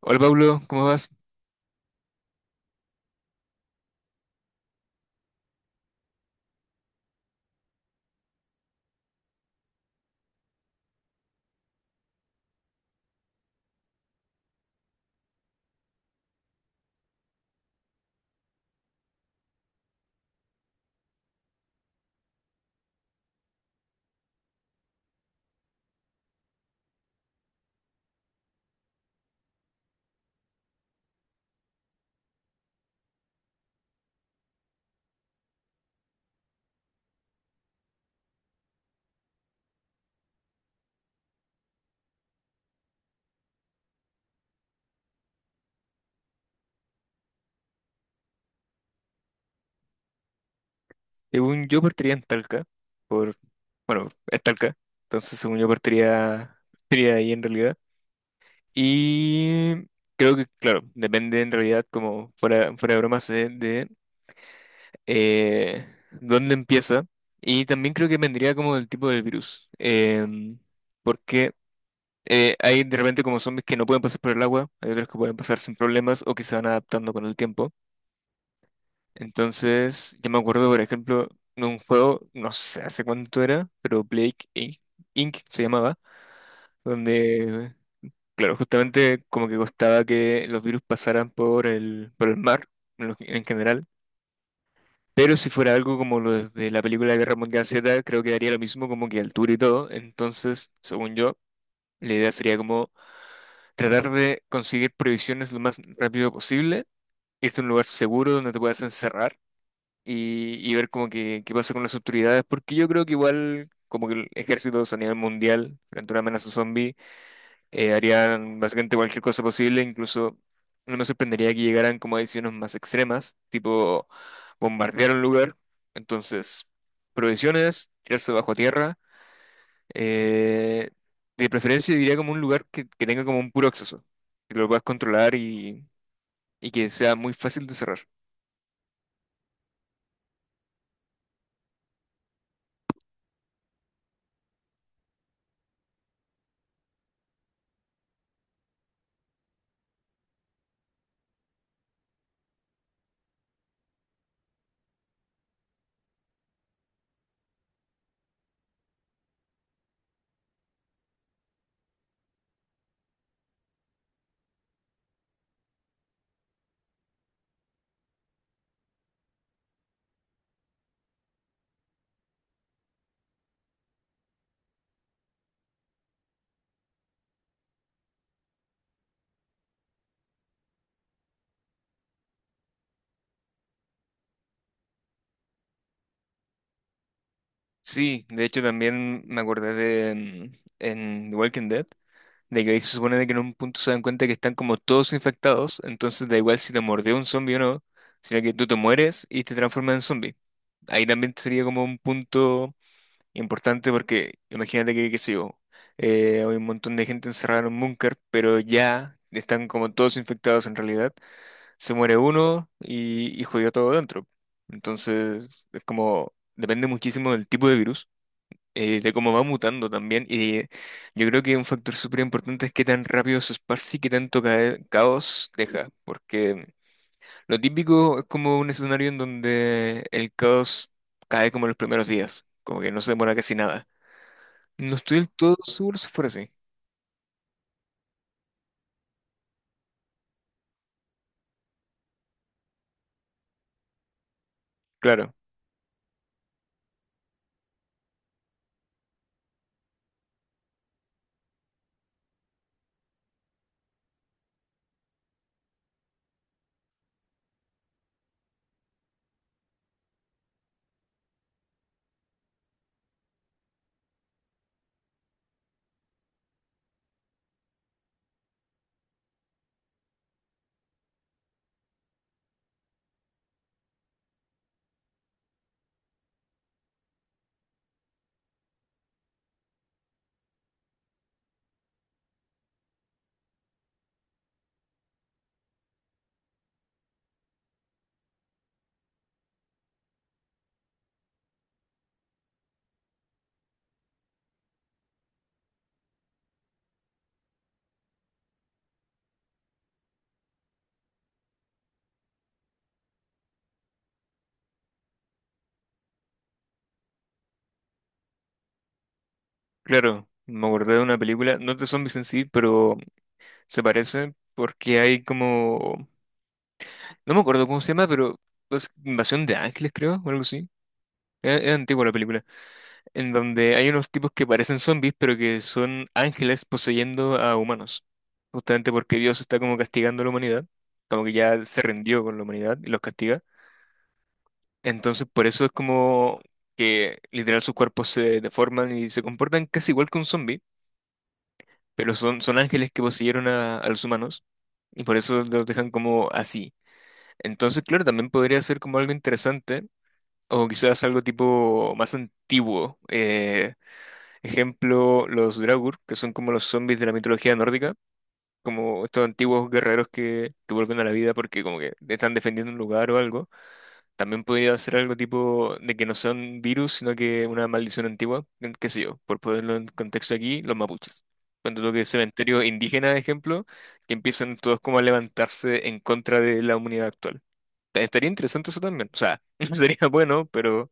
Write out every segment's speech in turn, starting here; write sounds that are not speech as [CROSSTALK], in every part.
Hola Pablo, ¿cómo vas? Según yo partiría en Talca, por, bueno, es Talca, entonces según yo partiría, partiría ahí en realidad. Y creo que, claro, depende en realidad, como fuera, fuera de bromas, de, eh, dónde empieza. Y también creo que vendría como del tipo del virus, porque hay de repente como zombies que no pueden pasar por el agua, hay otros que pueden pasar sin problemas o que se van adaptando con el tiempo. Entonces, yo me acuerdo, por ejemplo, de un juego, no sé hace cuánto era, pero Blake Inc. se llamaba, donde, claro, justamente como que costaba que los virus pasaran por el mar en general. Pero si fuera algo como lo de la película Guerra Mundial Z, creo que daría lo mismo, como que altura y todo. Entonces, según yo, la idea sería como tratar de conseguir provisiones lo más rápido posible, irte a un lugar seguro donde te puedas encerrar y ver como que qué pasa con las autoridades, porque yo creo que igual como que el ejército a nivel mundial, frente a una amenaza zombie, harían básicamente cualquier cosa posible, incluso no me sorprendería que llegaran como a decisiones más extremas, tipo bombardear un lugar, entonces provisiones, tirarse bajo tierra, eh, de preferencia diría como un lugar que tenga como un puro acceso, que lo puedas controlar y que sea muy fácil de cerrar. Sí, de hecho también me acordé de en The Walking Dead, de que ahí se supone de que en un punto se dan cuenta que están como todos infectados, entonces da igual si te mordió un zombie o no, sino que tú te mueres y te transformas en zombie. Ahí también sería como un punto importante porque imagínate que, qué sé yo, hay un montón de gente encerrada en un búnker, pero ya están como todos infectados en realidad, se muere uno y jodió todo dentro. Entonces, es como, depende muchísimo del tipo de virus de cómo va mutando también. Y yo creo que un factor súper importante es qué tan rápido se esparce y qué tanto caos deja. Porque lo típico es como un escenario en donde el caos cae como en los primeros días, como que no se demora casi nada. No estoy del todo seguro si fuera así. Claro, claro. Me acordé de una película, no es de zombies en sí, pero se parece porque hay como... No me acuerdo cómo se llama, pero es Invasión de Ángeles, creo, o algo así. Es antigua la película, en donde hay unos tipos que parecen zombies, pero que son ángeles poseyendo a humanos, justamente porque Dios está como castigando a la humanidad, como que ya se rindió con la humanidad y los castiga. Entonces, por eso es como que literal sus cuerpos se deforman y se comportan casi igual que un zombie, pero son, son ángeles que poseyeron a los humanos y por eso los dejan como así. Entonces, claro, también podría ser como algo interesante o quizás algo tipo más antiguo. Ejemplo, los Draugr, que son como los zombies de la mitología nórdica, como estos antiguos guerreros que vuelven a la vida porque como que están defendiendo un lugar o algo. También podría ser algo tipo de que no son virus, sino que una maldición antigua, qué sé yo, por ponerlo en contexto aquí, los mapuches. Cuando lo que es cementerio indígena, ejemplo, que empiezan todos como a levantarse en contra de la humanidad actual. Estaría interesante eso también. O sea, [LAUGHS] sería bueno, pero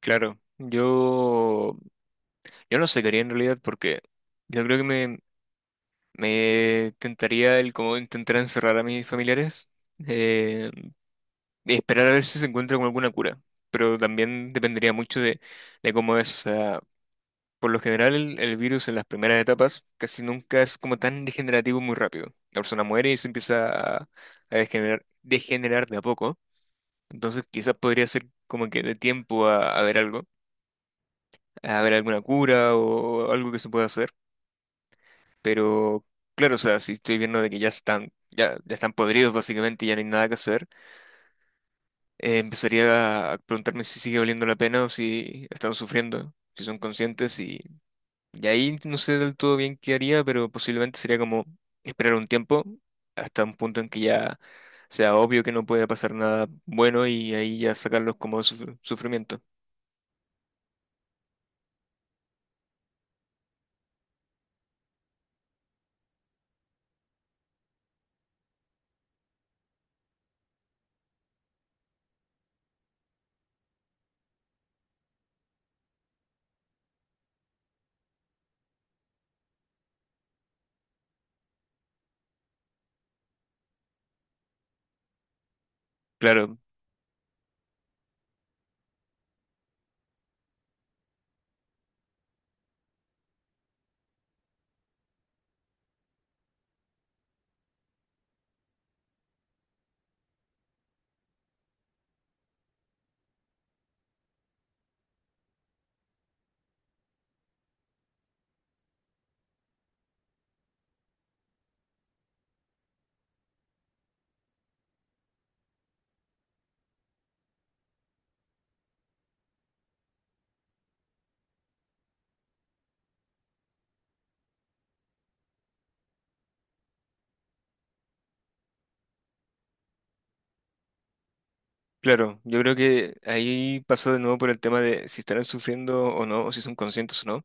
claro, yo... Yo no sacaría en realidad porque yo creo que me tentaría el como intentar encerrar a mis familiares eh, y esperar a ver si se encuentra con alguna cura. Pero también dependería mucho de cómo es. O sea, por lo general el virus en las primeras etapas casi nunca es como tan degenerativo muy rápido. La persona muere y se empieza a, a degenerar, degenerar de a poco. Entonces quizás podría ser como que de tiempo a ver algo, a ver alguna cura o algo que se pueda hacer. Pero claro, o sea, si estoy viendo de que ya están, ya, ya están podridos básicamente, y ya no hay nada que hacer, empezaría a preguntarme si sigue valiendo la pena o si están sufriendo, si son conscientes y ahí no sé del todo bien qué haría, pero posiblemente sería como esperar un tiempo hasta un punto en que ya sea obvio que no puede pasar nada bueno y ahí ya sacarlos como de sufrimiento. Claro. Claro, yo creo que ahí pasa de nuevo por el tema de si estarán sufriendo o no, o si son conscientes o no.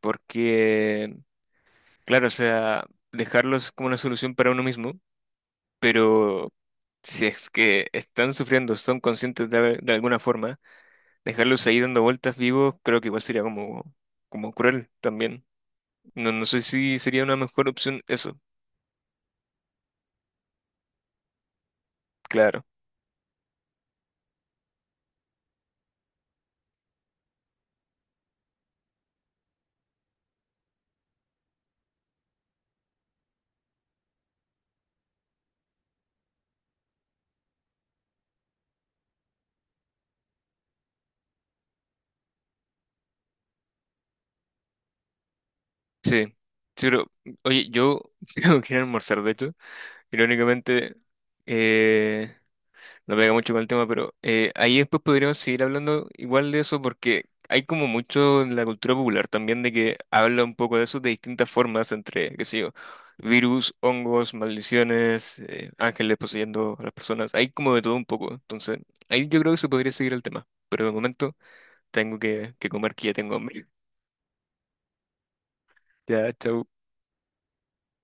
Porque, claro, o sea, dejarlos como una solución para uno mismo, pero si es que están sufriendo, son conscientes de, de alguna forma, dejarlos ahí dando vueltas vivos, creo que igual sería como, como cruel también. No, no sé si sería una mejor opción eso, claro. Sí, sí, pero, oye, yo [LAUGHS] tengo que ir a almorzar, de hecho, irónicamente, eh, no pega mucho con el tema, pero ahí después podríamos seguir hablando igual de eso porque hay como mucho en la cultura popular también de que habla un poco de eso de distintas formas entre, qué sé yo, virus, hongos, maldiciones, ángeles poseyendo a las personas, hay como de todo un poco, entonces ahí yo creo que se podría seguir el tema, pero de momento tengo que comer que ya tengo hambre. [LAUGHS] Ya, chau.